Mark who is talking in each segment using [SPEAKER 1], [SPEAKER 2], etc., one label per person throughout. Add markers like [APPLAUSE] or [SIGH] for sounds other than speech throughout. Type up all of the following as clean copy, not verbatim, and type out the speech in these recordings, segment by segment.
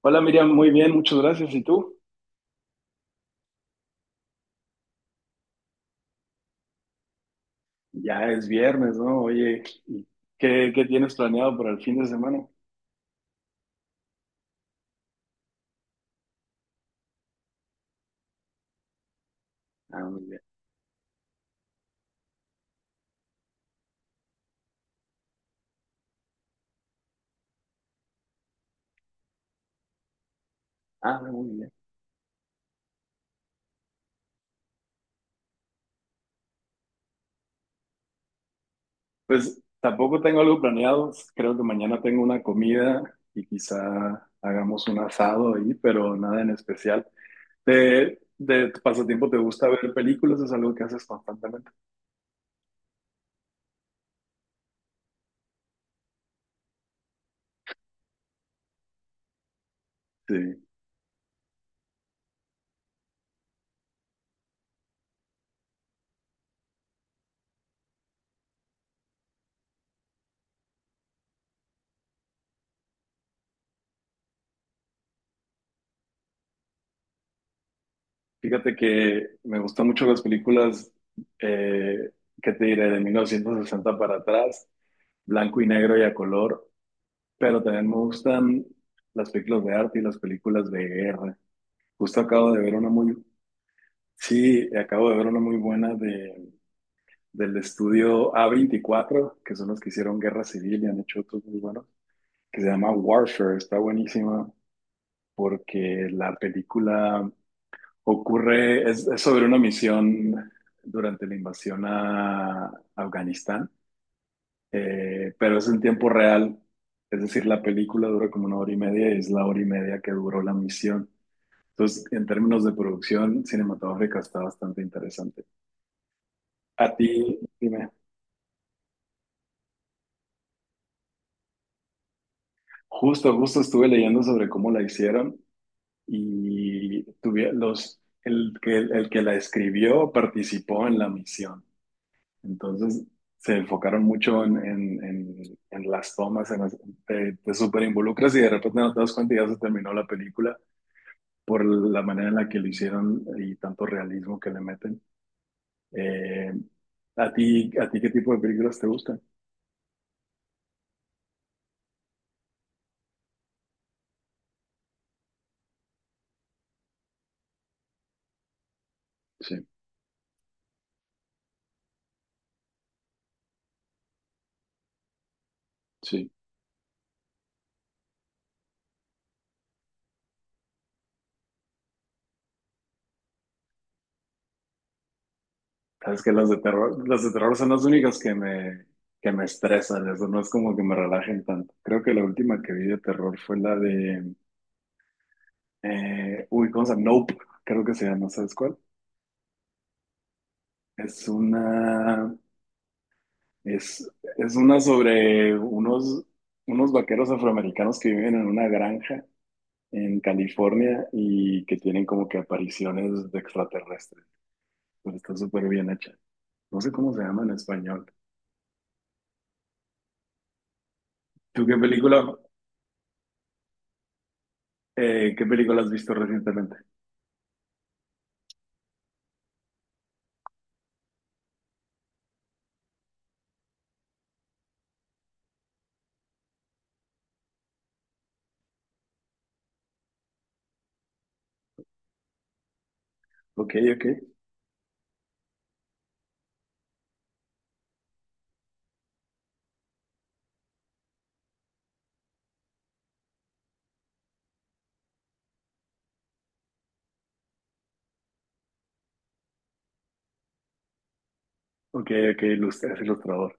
[SPEAKER 1] Hola Miriam, muy bien, muchas gracias. ¿Y tú? Ya es viernes, ¿no? Oye, ¿Qué tienes planeado para el fin de semana? Ah, muy bien. Ah, muy bien. Pues tampoco tengo algo planeado. Creo que mañana tengo una comida y quizá hagamos un asado ahí, pero nada en especial. ¿De tu pasatiempo te gusta ver películas? ¿Es algo que haces constantemente? Sí. Fíjate que me gustan mucho las películas. eh, ¿Qué te diré? De 1960 para atrás, blanco y negro y a color. Pero también me gustan las películas de arte y las películas de guerra. Justo acabo de ver una muy, sí, acabo de ver una muy buena del estudio A24, que son los que hicieron Guerra Civil y han hecho otros muy buenos, que se llama Warfare. Está buenísima porque la película ocurre, es sobre una misión durante la invasión a Afganistán. Pero es en tiempo real, es decir, la película dura como una hora y media y es la hora y media que duró la misión. Entonces, en términos de producción cinematográfica está bastante interesante. A ti, dime, justo estuve leyendo sobre cómo la hicieron y tuve los, el que la escribió participó en la misión. Entonces, se enfocaron mucho en, en las tomas, te súper involucras y de repente no te das cuenta y ya se terminó la película por la manera en la que lo hicieron y tanto realismo que le meten. Eh, a ti qué tipo de películas te gustan? Sí, sí. Sabes que las de terror son las únicas que me estresan, eso no es como que me relajen tanto. Creo que la última que vi de terror fue la de, uy, ¿cómo se llama? Nope, creo que se llama, ¿sabes cuál? Es una, es, es una sobre unos vaqueros afroamericanos que viven en una granja en California y que tienen como que apariciones de extraterrestres. Pero está súper bien hecha. No sé cómo se llama en español. ¿Tú qué película has visto recientemente? Ok, ok, ok, ok, es ilustrador.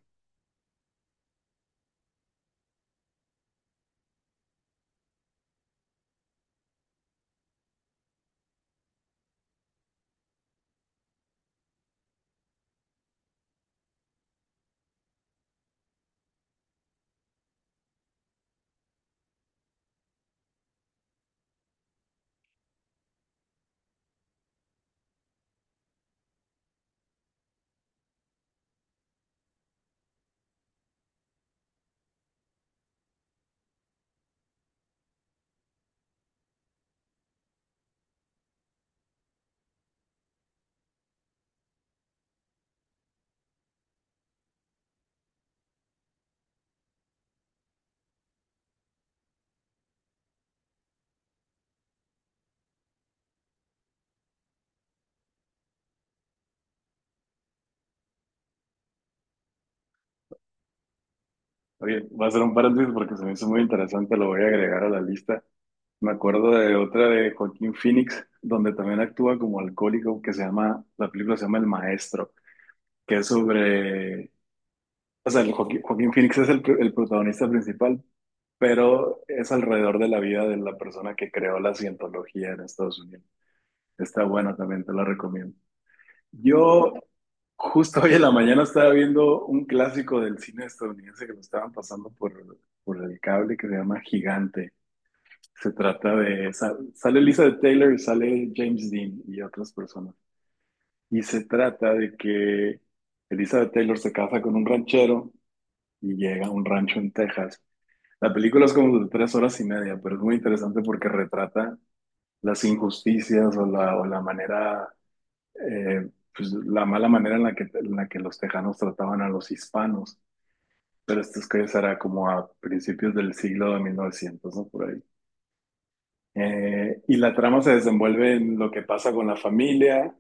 [SPEAKER 1] Oye, voy a hacer un paréntesis porque se me hizo muy interesante, lo voy a agregar a la lista. Me acuerdo de otra de Joaquín Phoenix, donde también actúa como alcohólico, que se llama, la película se llama El Maestro, que es sobre, o sea, el Joaquín Phoenix es el protagonista principal, pero es alrededor de la vida de la persona que creó la cientología en Estados Unidos. Está buena también, te la recomiendo. Yo justo hoy en la mañana estaba viendo un clásico del cine estadounidense que lo estaban pasando por el cable, que se llama Gigante. Se trata de, sale Elizabeth Taylor y sale James Dean y otras personas. Y se trata de que Elizabeth Taylor se casa con un ranchero y llega a un rancho en Texas. La película es como de 3 horas y media, pero es muy interesante porque retrata las injusticias o la manera, eh, pues la mala manera en la que los tejanos trataban a los hispanos. Pero esto es que será como a principios del siglo de 1900, ¿no? Por ahí. Y la trama se desenvuelve en lo que pasa con la familia.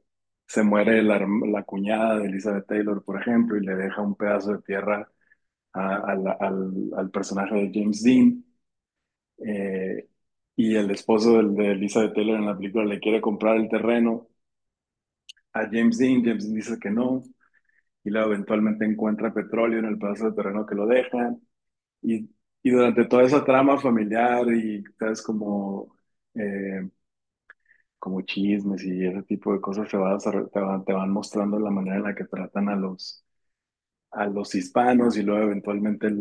[SPEAKER 1] Se muere la, la cuñada de Elizabeth Taylor, por ejemplo, y le deja un pedazo de tierra al personaje de James Dean. eh, y el esposo de Elizabeth Taylor en la película le quiere comprar el terreno a James Dean, James Dean dice que no, y luego eventualmente encuentra petróleo en el pedazo de terreno que lo dejan, y, y durante toda esa trama familiar y, sabes, como, eh, como chismes y ese tipo de cosas se va te van mostrando la manera en la que tratan a los hispanos, y luego eventualmente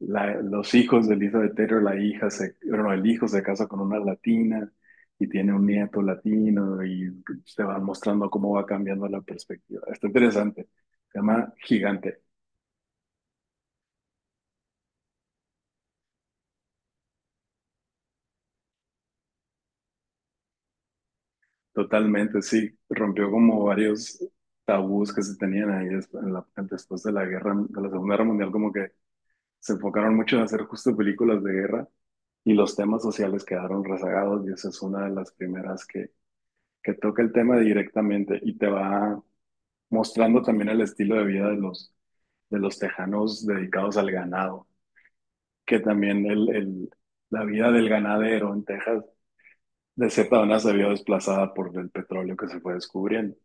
[SPEAKER 1] los hijos de Elizabeth Taylor, la hija se, bueno, el hijo se casa con una latina y tiene un nieto latino y te van mostrando cómo va cambiando la perspectiva. Está interesante. Se llama Gigante. Totalmente, sí. Rompió como varios tabús que se tenían ahí, después de la guerra, de la Segunda Guerra Mundial, como que se enfocaron mucho en hacer justo películas de guerra y los temas sociales quedaron rezagados, y esa es una de las primeras que toca el tema directamente y te va mostrando también el estilo de vida de los tejanos dedicados al ganado, que también la vida del ganadero en Texas de cierta manera se vio desplazada por el petróleo que se fue descubriendo.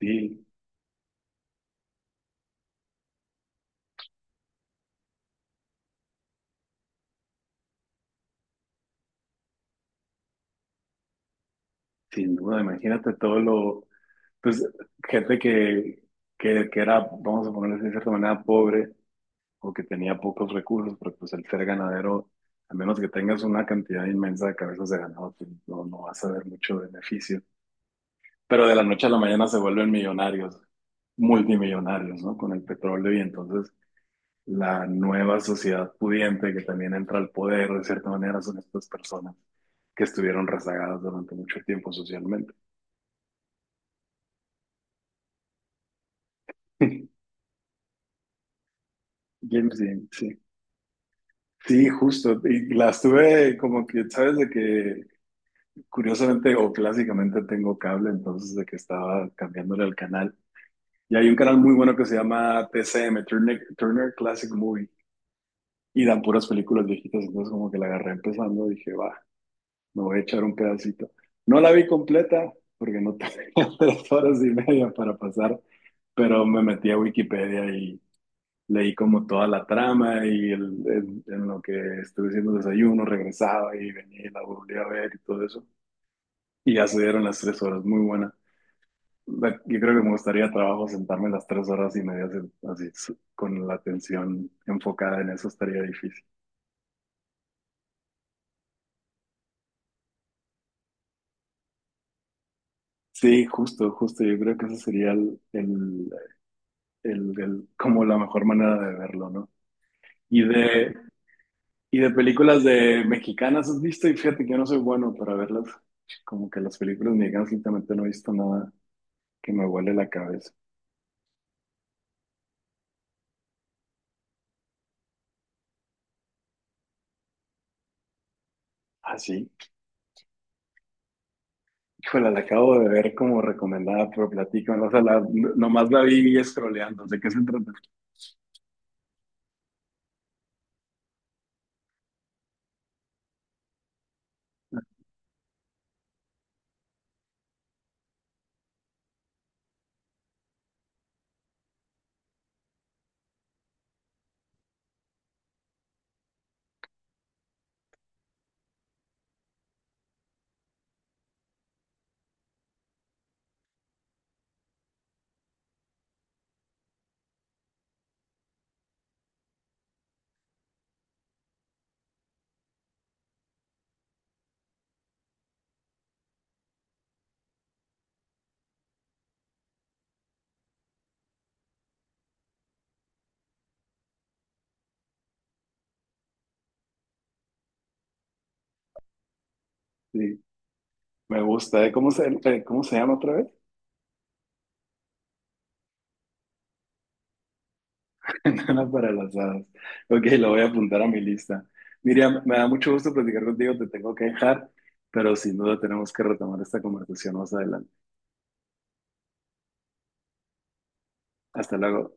[SPEAKER 1] Y sin duda, imagínate todo lo, pues gente que, que era, vamos a ponerle de cierta manera, pobre o que tenía pocos recursos, pero pues el ser ganadero, a menos que tengas una cantidad inmensa de cabezas de ganado, pues no, no vas a ver mucho beneficio, pero de la noche a la mañana se vuelven millonarios, multimillonarios, ¿no? Con el petróleo y entonces la nueva sociedad pudiente que también entra al poder, de cierta manera, son estas personas que estuvieron rezagadas durante mucho tiempo socialmente. [LAUGHS] James Dean, sí. Sí, justo. Y las tuve como que, sabes, de que curiosamente o clásicamente tengo cable, entonces de que estaba cambiándole el canal. Y hay un canal muy bueno que se llama TCM, Turner, Turner Classic Movie. Y dan puras películas viejitas, entonces como que la agarré empezando, dije, va, me voy a echar un pedacito. No la vi completa, porque no tenía [LAUGHS] 3 horas y media para pasar, pero me metí a Wikipedia y leí como toda la trama y en lo que estuve haciendo desayuno, regresaba y venía y la volví a ver y todo eso. Y ya se dieron las 3 horas, muy buena. Yo creo que me gustaría trabajo sentarme las 3 horas y media así, así, con la atención enfocada en eso, estaría difícil. Sí, justo, justo. Yo creo que eso sería como la mejor manera de verlo, ¿no? Y de, y de películas de mexicanas, ¿has visto? Y fíjate que yo no soy bueno para verlas. Como que las películas mexicanas últimamente no he visto nada que me vuele la cabeza. Ah, sí. Híjole, la acabo de ver como recomendada, pero platícame. O sea, la, nomás la vi scrolleando. ¿De qué se trata? Sí, me gusta. ¿Eh? ¿Cómo se llama otra vez? [LAUGHS] Nada para las hadas. Ok, lo voy a apuntar a mi lista. Miriam, me da mucho gusto platicar contigo, te tengo que dejar, pero sin duda tenemos que retomar esta conversación más adelante. Hasta luego.